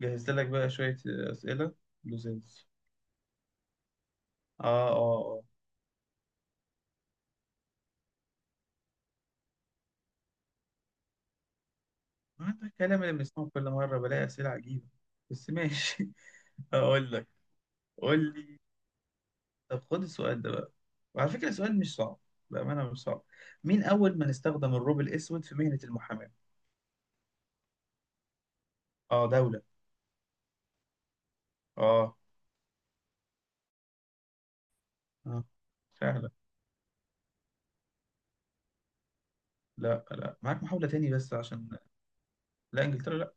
جهزت لك بقى شوية أسئلة لزاز. آه. آه. آه، أنت الكلام اللي بنسمعه كل مرة بلاقي أسئلة عجيبة، بس ماشي. هقول لك. قول لي. طب خد السؤال ده بقى، وعلى فكرة السؤال مش صعب، بأمانة مش صعب. مين أول من استخدم الروب الأسود في مهنة المحاماة؟ آه، دولة. آه. آه. سهلة. لا لا، معاك محاولة تاني بس عشان. لا، إنجلترا لا.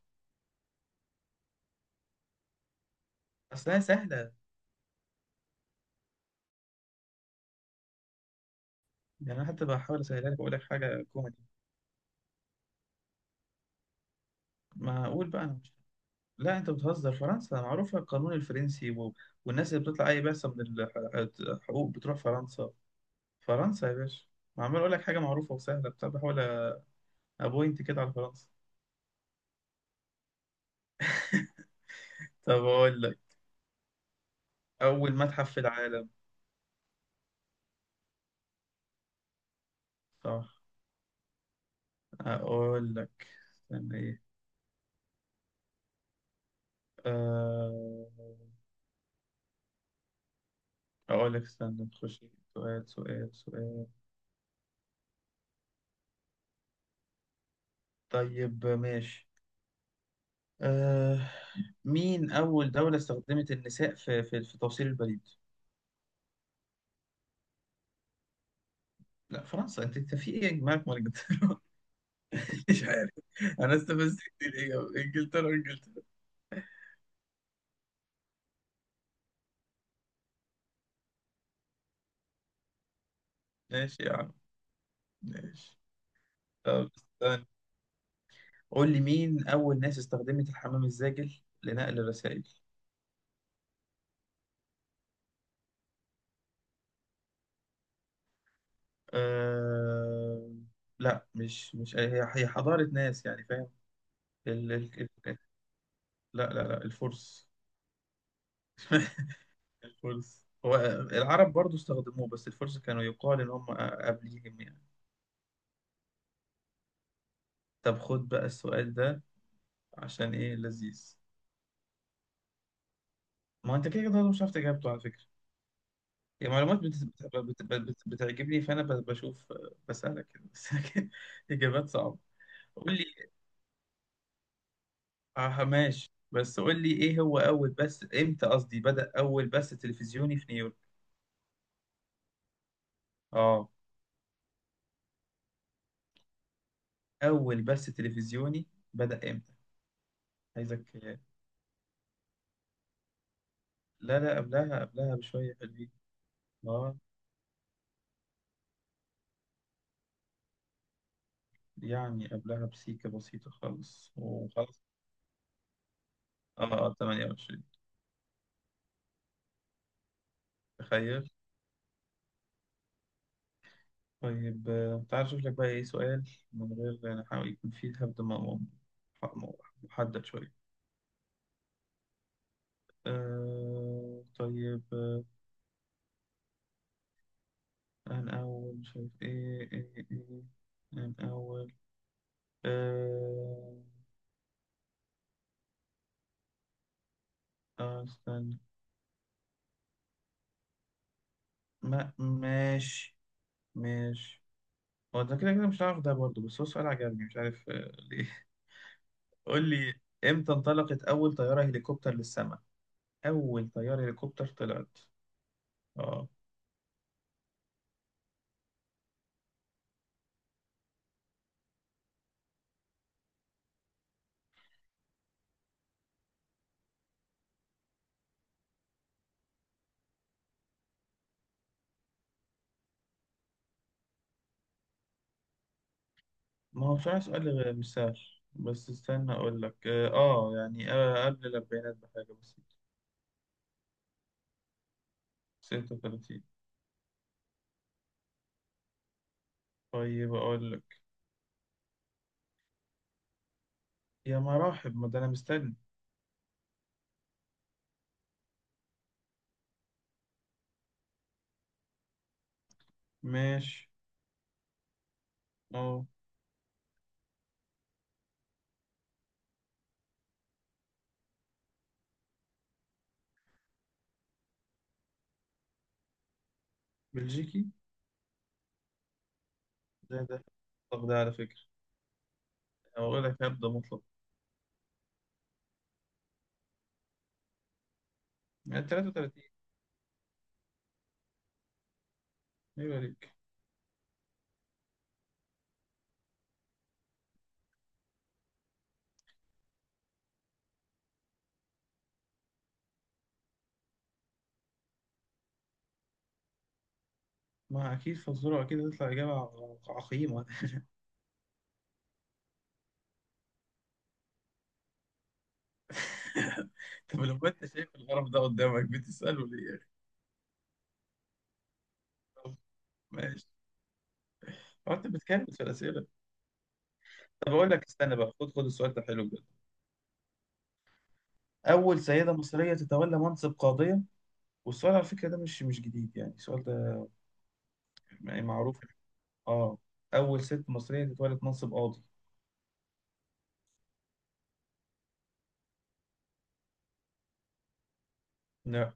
أصلها سهلة. يعني أنا حتى بحاول أسهلها لك وأقول لك حاجة كوميدي. ما أقول بقى أنا. لا انت بتهزر، فرنسا معروفه، القانون الفرنسي، و... والناس اللي بتطلع اي بعثه من الحقوق بتروح فرنسا. فرنسا يا باشا. ما عمال اقول لك حاجه معروفه وسهله، بتاع بحاول ابوينت كده على فرنسا. طب اقول لك، اول متحف في العالم. صح. اقول لك استنى ايه. أه... اقول لك استنى نخش سؤال سؤال سؤال. طيب ماشي. أه... مين اول دوله استخدمت النساء في توصيل البريد؟ لا، فرنسا. انت في ايه يا جماعه؟ مش عارف. انا استفزت كتير، ايه؟ انجلترا انجلترا. ماشي يا عم، ماشي. طب استنى، قول لي، مين اول ناس استخدمت الحمام الزاجل لنقل الرسائل؟ أه... لا، مش هي حضارة ناس، يعني فاهم. ال... ال... ال... لا لا لا، الفرس. الفرس هو. العرب برضو استخدموه، بس الفرس كانوا يقال ان هم قبليهم يعني. طب خد بقى السؤال ده، عشان ايه لذيذ. ما هو انت كده كده مش عارف اجابته على فكرة. هي معلومات بتعجبني، فانا بشوف بسألك كده بس، لكن اجابات صعبه. قول لي. اه ماشي، بس قول لي ايه هو اول بث، امتى قصدي بدأ اول بث تلفزيوني في نيويورك؟ اه. اول بث تلفزيوني، بدأ امتى؟ عايزك. لا لا، قبلها قبلها بشويه حلوين. اه، يعني قبلها بسيكه بسيطه خالص وخلاص. اه، 28. تخيل. طيب، تعال أشوف لك بقى إيه سؤال، من غير نحاول يكون فيه هبد، م- محدد شوية. أه طيب آه، أنا أول شايف إيه إيه إيه. أنا أول. أه آه، استنى. ما ماشي ماشي. هو ده كده كده مش عارف، ده برضه بس هو سؤال عجبني، مش عارف ليه. قول لي. إمتى انطلقت أول طيارة هليكوبتر للسماء؟ أول طيارة هليكوبتر طلعت. آه. ما هو بصراحة سؤال مش سهل. بس استنى أقول لك، قبل الأربعينات بحاجة بسيطة. 36. طيب أقول لك. يا مراحب، ما ده أنا مستني. ماشي. أه، بلجيكي. ده. طب ده على فكرة، أقول لك هبدأ مطلق. يعني 33. أيوة ليك. ما أكيد فزورة، أكيد هتطلع إجابة عقيمة. طب لو أنت شايف القرف ده قدامك بتسأله ليه يا أخي؟ طب ماشي. هو أنت بتكلم في الأسئلة. طب أقول لك، استنى بقى، خد السؤال ده حلو. أول سيدة مصرية تتولى منصب قاضية، والسؤال على فكرة ده مش جديد، يعني السؤال ده يعني معروف. آه. أول ست مصرية تتولى منصب قاضي. لا.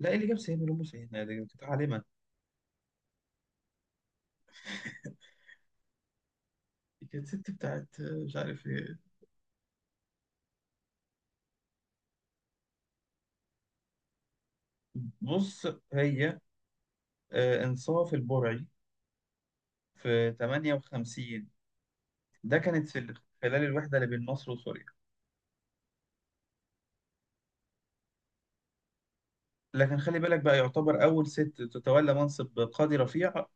لا، إيه اللي جاب سيدنا لأم سيدنا، دي كانت عالمة. دي كانت ست بتاعت مش عارف إيه. بص. هي، إنصاف البرعي. في 58. ده كانت في خلال الوحدة اللي بين مصر وسوريا. لكن خلي بالك بقى، يعتبر أول ست تتولى منصب قاضي رفيع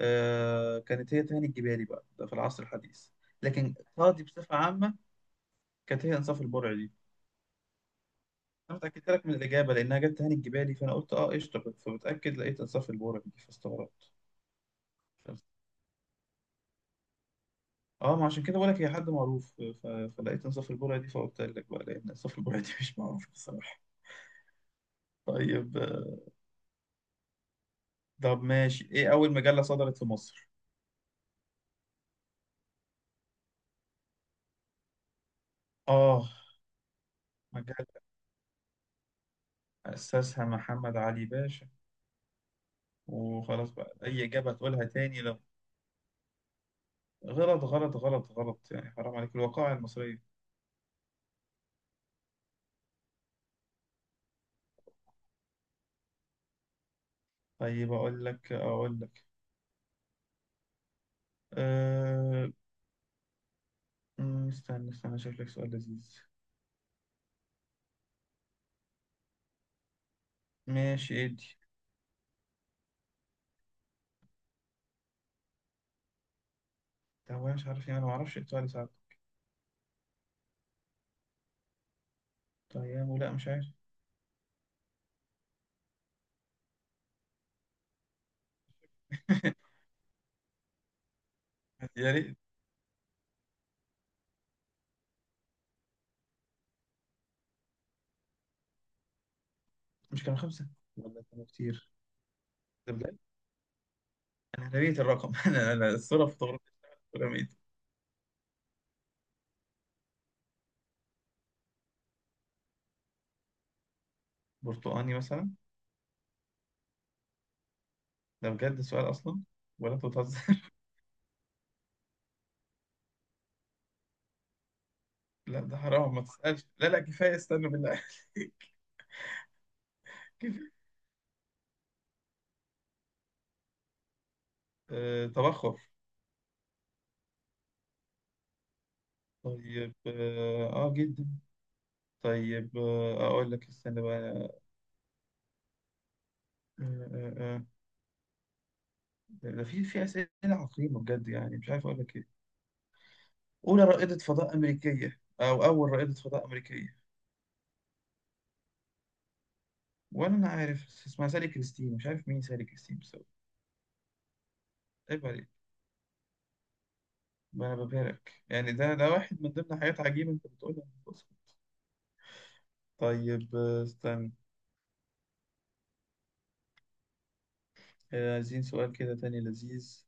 كانت هي تهاني الجبالي بقى، ده في العصر الحديث. لكن قاضي بصفة عامة كانت هي إنصاف البرعي دي. أنا متأكدت لك من الإجابة لأنها جت تهاني الجبالي، فأنا قلت أه قشطة، فبتأكد لقيت إنصاف البرعي دي فاستغربت. أه، ما عشان كده بقول لك هي حد معروف. فلقيت إنصاف البرعي دي، فقلت لك بقى لأن إنصاف البرعي دي مش معروف بصراحة. طيب آه، طب ماشي، إيه أول مجلة صدرت في مصر؟ آه، مجلة أسسها محمد علي باشا، وخلاص بقى أي إجابة تقولها تاني. غلط غلط غلط غلط، يعني حرام عليك، الوقائع المصرية. طيب أقول لك أقول لك. أه... أمم، استنى استنى أشوف لك سؤال لذيذ. ماشي، إدي. طب أنا مش عارف، يعني أنا ما أعرفش إيه السؤال ساعات. طيب، ولا مش عارف. يا ريت. مش كانوا خمسة؟ ولا كانوا كتير؟ ده بجد؟ أنا رميت الرقم. أنا الصورة في فوتوغرافية. رميت. برتقاني مثلا. ده بجد السؤال أصلا؟ ولا أنت بتهزر؟ لا ده حرام، ما تسألش، لا لا كفاية، استنى بالله عليك. كفاية. تبخر. طيب، اه، جدا. طيب، اقول لك استنى بقى. آه، آه. ده في اسئله عقيمه بجد، يعني مش عارف اقول لك ايه. اولى رائده فضاء امريكيه، او اول رائده فضاء امريكيه. وانا ما عارف اسمها، سالي كريستين، مش عارف مين سالي كريستين بس. عيب عليك. ما انا ببهرك يعني، ده واحد من ضمن حاجات عجيبه انت بتقولها. بص. استنى، عايزين سؤال كده تاني لذيذ.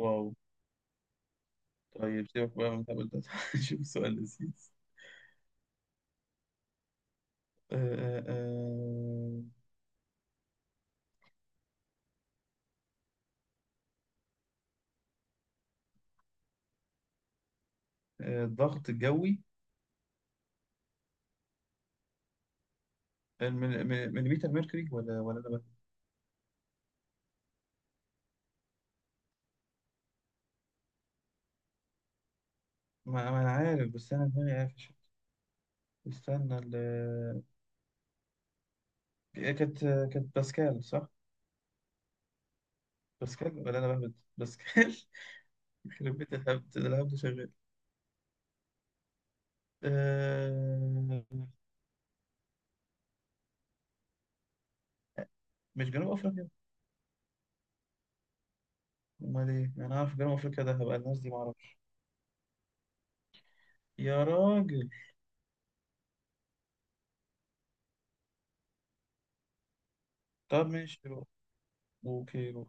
واو. طيب سيبك بقى من الهبل ده، شوف سؤال لذيذ. آه، آه، آه. الضغط الجوي. مليمتر ميركوري، ولا انا ما انا عارف، بس انا دماغي قافش. استنى ال آه، كانت، كانت باسكال صح؟ باسكال، ولا انا بهبد؟ باسكال. يخرب بيت الهبد ده، الهبد شغال. آه، مش جنوب افريقيا؟ امال ايه؟ انا عارف جنوب افريقيا، ده هبقى الناس دي ما اعرفش. يا راجل. طب ماشي، روح. اوكي، روح.